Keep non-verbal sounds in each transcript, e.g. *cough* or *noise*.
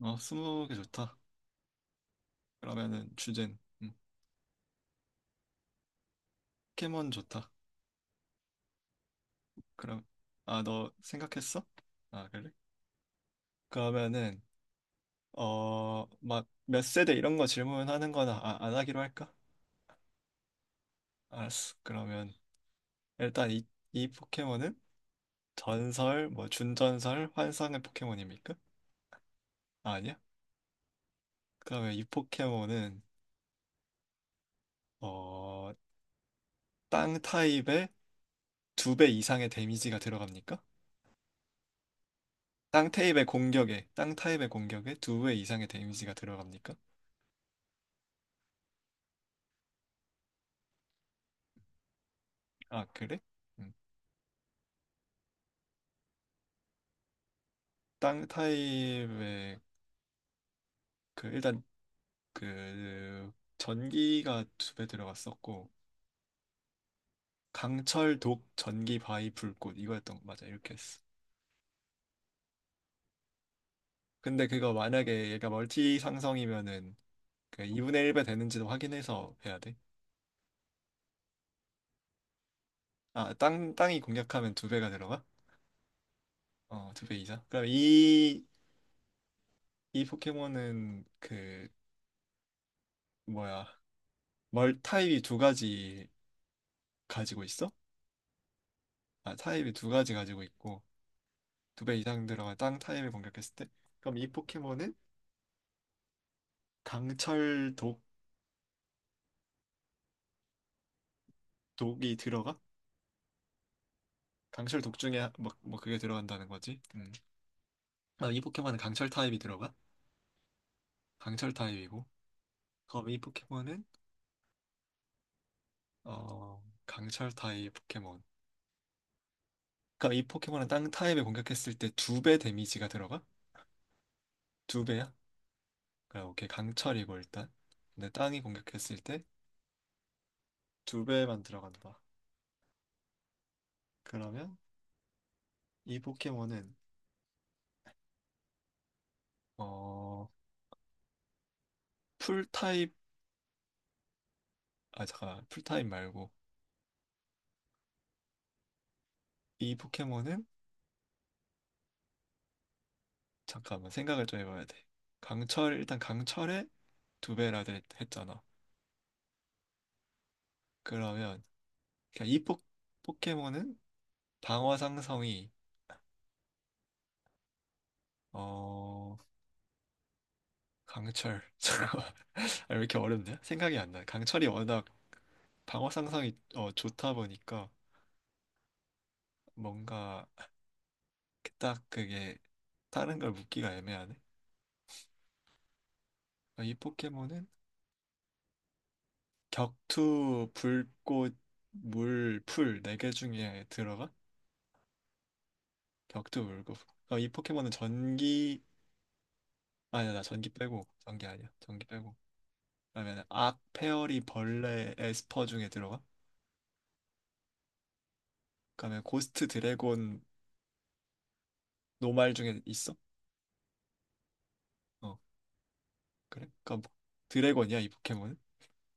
어, 스무 개 좋다. 그러면은 주제는 포켓몬 좋다. 그럼 아, 너 생각했어? 아, 그래? 그러면은 막 몇 세대 이런 거 질문하는 거나 안 하기로 할까? 알았어. 그러면 일단 이 포켓몬은 전설, 뭐 준전설, 환상의 포켓몬입니까? 아, 아니야? 그러면 이 포켓몬은 어, 땅 타입의 두 배 이상의 데미지가 들어갑니까? 땅 타입의 공격에 두 배 이상의 데미지가 들어갑니까? 아, 그래? 음, 땅 타입의 그 일단 그 전기가 두 배 들어갔었고 강철 독 전기 바위 불꽃 이거였던 거 맞아 이렇게 했어. 근데 그거 만약에 얘가 멀티 상성이면은 그 2분의 1배 되는지도 확인해서 해야 돼. 아, 땅 땅이 공략하면 두 배가 들어가? 어, 두 배 이상. 그럼 이 포켓몬은 그 뭐야? 멀 타입이 두 가지 가지고 있어? 아, 타입이 두 가지 가지고 있고 두 배 이상 들어가 땅 타입을 공격했을 때 그럼 이 포켓몬은 강철 독 독이 들어가? 강철 독 중에 뭐 그게 들어간다는 거지. 음. 아, 이 포켓몬은 강철 타입이 들어가? 강철 타입이고 그럼 이 포켓몬은 어 강철 타입 포켓몬. 그럼 이 포켓몬은 땅 타입을 공격했을 때 두 배 데미지가 들어가? 두 배야? 그럼 오케이 강철이고 일단 근데 땅이 공격했을 때 두 배만 들어간다. 그러면 이 포켓몬은 어 풀타입 아 잠깐 풀타입 말고 이 포켓몬은 잠깐만 생각을 좀 해봐야 돼. 강철 일단 강철의 했잖아. 그러면 그냥 포켓몬은 방어 상성이 어 강철 *laughs* 잠깐만 아, 왜 이렇게 어렵냐? 생각이 안 나. 강철이 워낙 방어 상성이 어, 좋다 보니까 뭔가 딱 그게 다른 걸 묻기가 애매하네. 아, 이 포켓몬은 격투 불꽃 물 풀 네 개 중에 들어가? 격투 울고 급 어, 이 포켓몬은 전기 아니야 나 전기 빼고 전기 아니야 전기 빼고. 그러면 악, 페어리, 벌레, 에스퍼 중에 들어가? 그러면 고스트 드래곤, 노말 중에 있어? 어 그래? 그럼 드래곤이야 이 포켓몬은?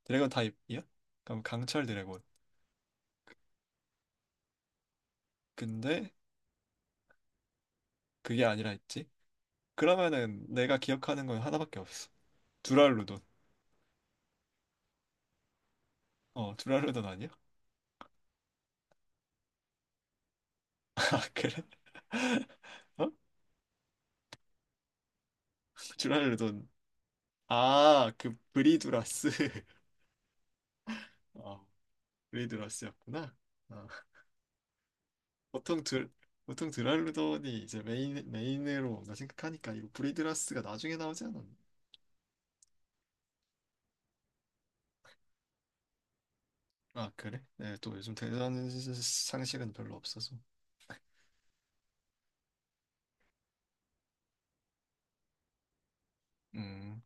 드래곤 타입이야? 그럼 강철 드래곤. 근데 그게 아니라 했지? 그러면은 내가 기억하는 건 하나밖에 없어. 두랄루돈. 어 두랄루돈 아니야? *laughs* 아 그래? 어? 두랄루돈. 아 그 브리두라스. *laughs* 어. 브리드러스였구나. 아, 보통 드 보통 드랄루돈이 이제 메인으로 뭔가 생각하니까 이거 브리드라스가 나중에 나오지 않았나? 아 그래? 네, 또 요즘 대단한 상식은 별로 없어서. 음,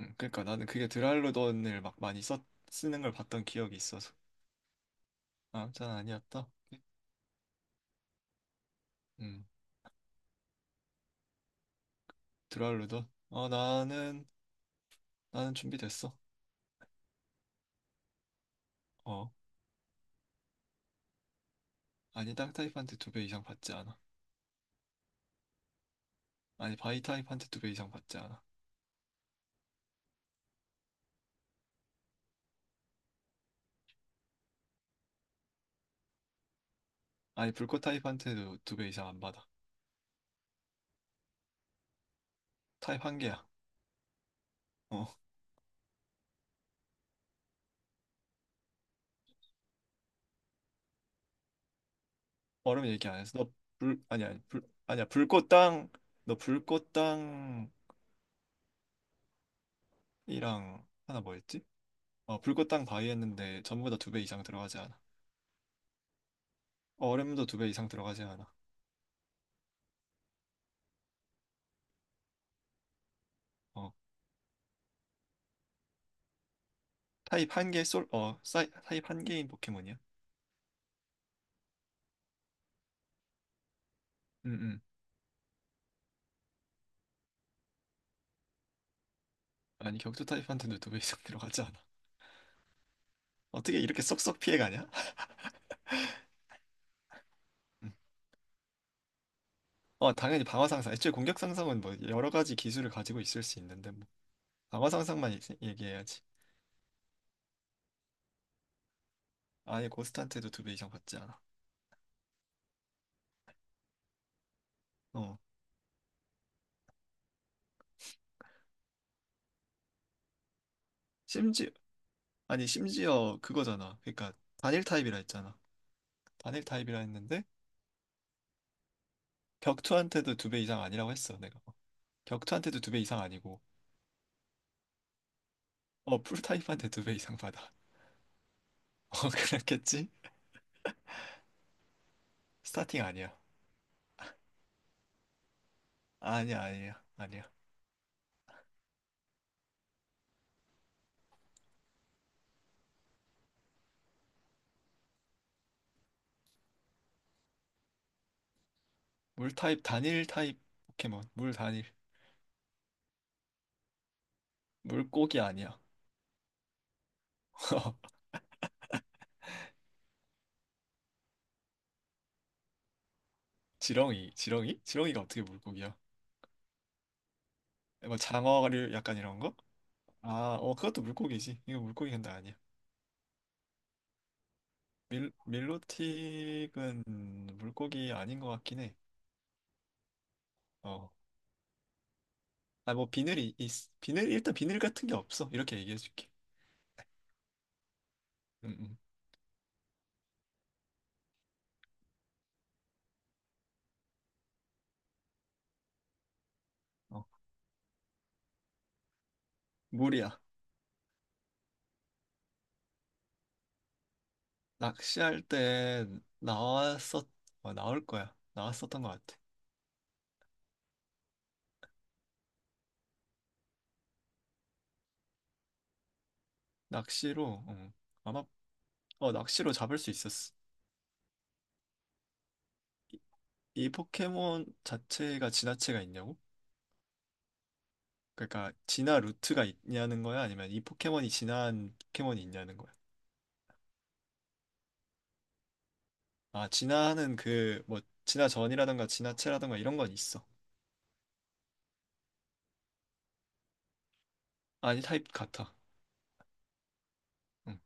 그러니까 나는 그게 드랄루돈을 막 많이 써 쓰는 걸 봤던 기억이 있어서. 아, 전 아니었다. 음, 드랄루돈. 어, 나는 준비됐어. 어, 아니 땅 타입한테 두 배 이상 받지 않아. 아니 바위 타입한테 두 배 이상 받지 않아. 아니 불꽃 타입한테도 두 배 이상 안 받아. 타입 한 개야. 어, 얼음 얘기 안 했어. 너 불, 아니야, 아니, 불, 아니야, 불꽃땅 너 불꽃땅이랑 하나 뭐였지? 어, 불꽃땅 바이 했는데 전부 다 두 배 이상 들어가지 않아. 어, 얼음도 두 배 이상 들어가지 않아. 어, 타입 한 개 솔, 어, 사이, 타입 한 개인 포켓몬이야. 응. 아니, 격투 타입한테도 두 배 이상 *laughs* 들어가지 않아. 어떻게 이렇게 쏙쏙 피해가냐? *laughs* 음. 어, 당연히 방어 상상. 애초에 공격 상상은 뭐 여러 가지 기술을 가지고 있을 수 있는데 뭐 방어 상상만 얘기해야지. 아예 고스트한테도 두 배 이상 받지 않아. 어. 심지 아니 심지어 그거잖아. 그러니까 단일 타입이라 했잖아. 단일 타입이라 했는데 격투한테도 두 배 이상 아니라고 했어 내가. 격투한테도 두 배 이상 아니고 어 풀타입한테 두 배 이상 받아. *laughs* 어 그랬겠지. 스타팅 아니야. 아니야 아니야 아니야. 물타입 단일 타입 포켓몬 물 단일 물고기 아니야. *laughs* 지렁이 지렁이? 지렁이가 어떻게 물고기야? 뭐 장어류 약간 이런 거? 아, 어 그것도 물고기지. 이거 물고기 근데 아니야. 밀로틱은 물고기 아닌 것 같긴 해. 어. 아, 뭐 비늘이 있, 비늘 일단 비늘 같은 게 없어. 이렇게 얘기해 줄게. 음, 음. 어. 물이야. 낚시할 때 나왔었 어, 나올 거야. 나왔었던 것 같아. 낚시로 어, 아마 어 낚시로 잡을 수 있었어. 이 포켓몬 자체가 진화체가 있냐고? 그러니까 진화 루트가 있냐는 거야? 아니면 이 포켓몬이 진화한 포켓몬이 있냐는 거야? 아, 진화하는 그 뭐 진화 전이라든가 진화체라든가 이런 건 있어. 아니 타입 같아. 응.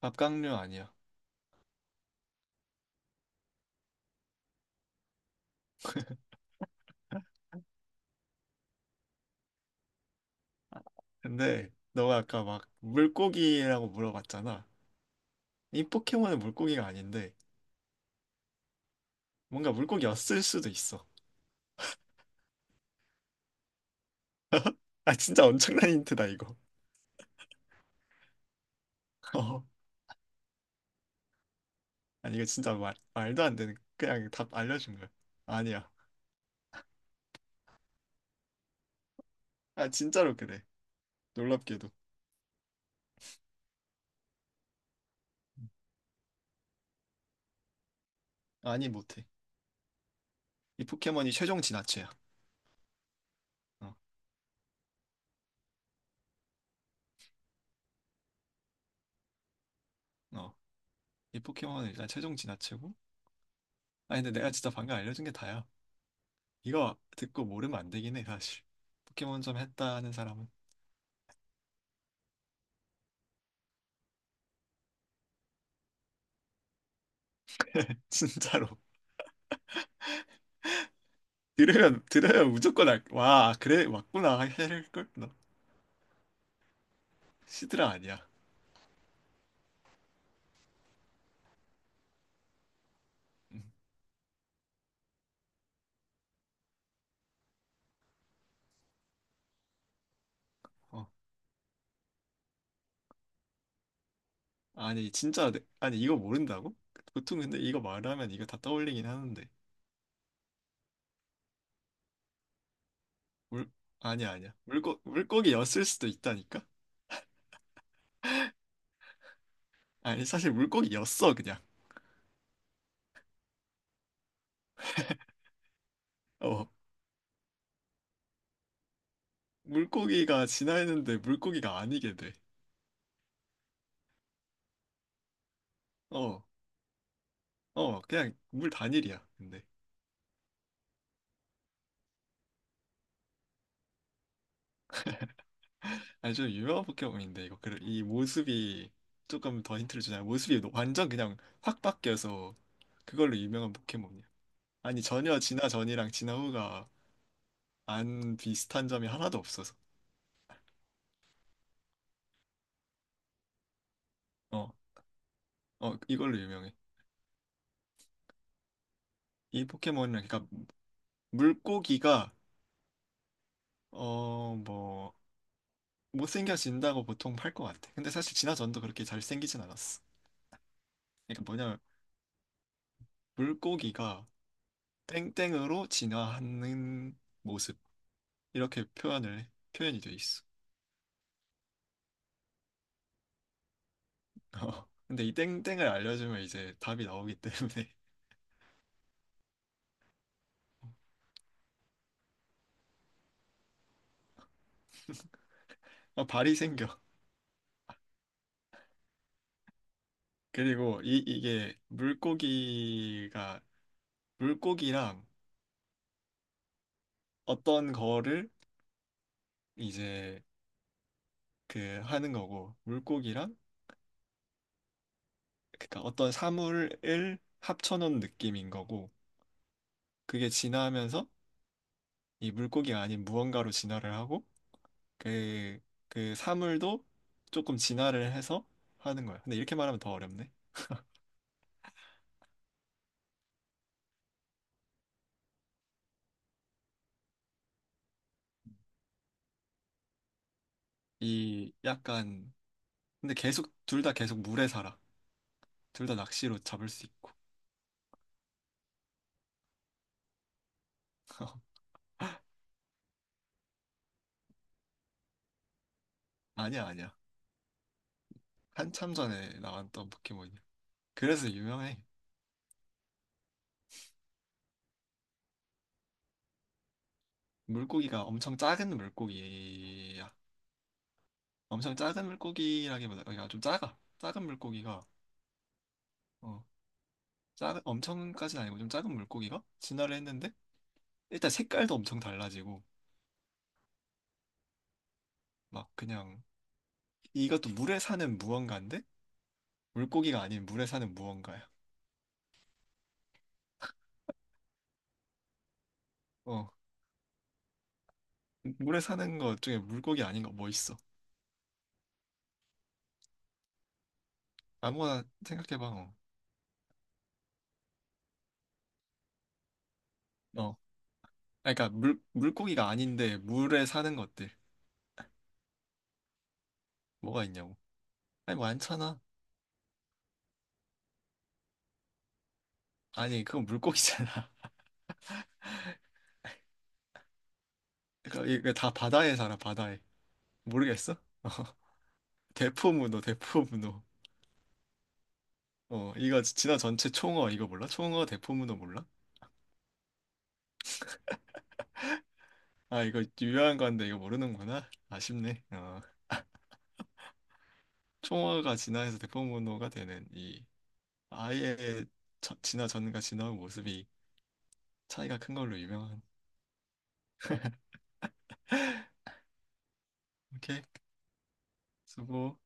갑각류 아니야. 근데 너가 아까 막 물고기라고 물어봤잖아. 이 포켓몬은 물고기가 아닌데 뭔가 물고기였을 수도 있어. 아 진짜 엄청난 힌트다 이거. *laughs* 어. 아니 이거 진짜 말, 말도 안 되는 그냥 답 알려준 거야. 아니야. 아 진짜로 그래. 놀랍게도. 아니 못해. 이 포켓몬이 최종 진화체야. 어. 어. 이 포켓몬은 일단 최종 진화체고. 아니 근데 내가 진짜 방금 알려준 게 다야. 이거 듣고 모르면 안 되긴 해 사실. 포켓몬 좀 했다는 사람은 *laughs* 진짜로. 들으면 들으면 무조건 알, 와 그래 맞구나 할걸 나. 시드라 아니야. 음, 어 아니 아니 이거 모른다고 보통 근데 이거 말하면 이거 다 떠올리긴 하는데 물 아니야 아니야 물고기였을 수도 있다니까. 아니 사실 물고기였어 그냥. 어 물고기가 진화했는데 물고기가 아니게 돼어어 그냥 물 단일이야 근데. 아니 좀 유명한 포켓몬인데 이 모습이 조금 더 힌트를 주자면 모습이 완전 그냥 확 바뀌어서 그걸로 유명한 포켓몬이야. 아니 전혀 진화 전이랑 진화 후가 안 비슷한 점이 하나도 없어서 어, 어 이걸로 유명해. 이 포켓몬은 그러니까 물고기가 어 뭐 못생겨진다고 보통 팔 것 같아. 근데 사실 진화 전도 그렇게 잘생기진 않았어. 그러니까 뭐냐면 물고기가 땡땡으로 진화하는 모습 이렇게 표현을 해. 표현이 돼 있어. *laughs* 어, 근데 이 땡땡을 알려주면 이제 답이 나오기 때문에. *laughs* 어, 발이 생겨. 그리고 이게 물고기가 물고기랑 어떤 거를 이제 그 하는 거고 물고기랑 그러니까 어떤 사물을 합쳐놓은 느낌인 거고 그게 진화하면서 이 물고기가 아닌 무언가로 진화를 하고 그, 그 사물도 조금 진화를 해서 하는 거야. 근데 이렇게 말하면 더 어렵네. 이 약간 근데 계속 둘 다 계속 물에 살아. 둘 다 낚시로 잡을 수 있고. *laughs* 아니야, 아니야. 한참 전에 나왔던 포켓몬이야. 그래서 유명해. 물고기가 엄청 작은 물고기야. 엄청 작은 물고기라기보다, 그러니까 좀 작아. 작은 물고기가, 어, 작은, 엄청까지는 아니고 좀 작은 물고기가 진화를 했는데, 일단 색깔도 엄청 달라지고, 막 그냥, 이것도 물에 사는 무언가인데, 물고기가 아닌 물에 사는 무언가야. 어, 물에 사는 것 중에 물고기 아닌 거 뭐 있어? 아무거나 생각해봐. 어, 어, 아니, 그러니까 물 물고기가 아닌데 물에 사는 것들 뭐가 있냐고. 아니 많잖아. 아니 그건 물고기잖아. *laughs* 그러니까 이게 다 바다에 살아 바다에. 모르겠어? *laughs* 어, 대포문어. 어 이거 진화 전체 총어 이거 몰라? 총어 대포문어 몰라? 아 이거 유명한 건데 이거 모르는구나. 아쉽네. 어 총어가 진화해서 대포문어가 되는 이 아예 저, 진화 전과 진화 후 모습이 차이가 큰 걸로 유명한. 오케이 수고.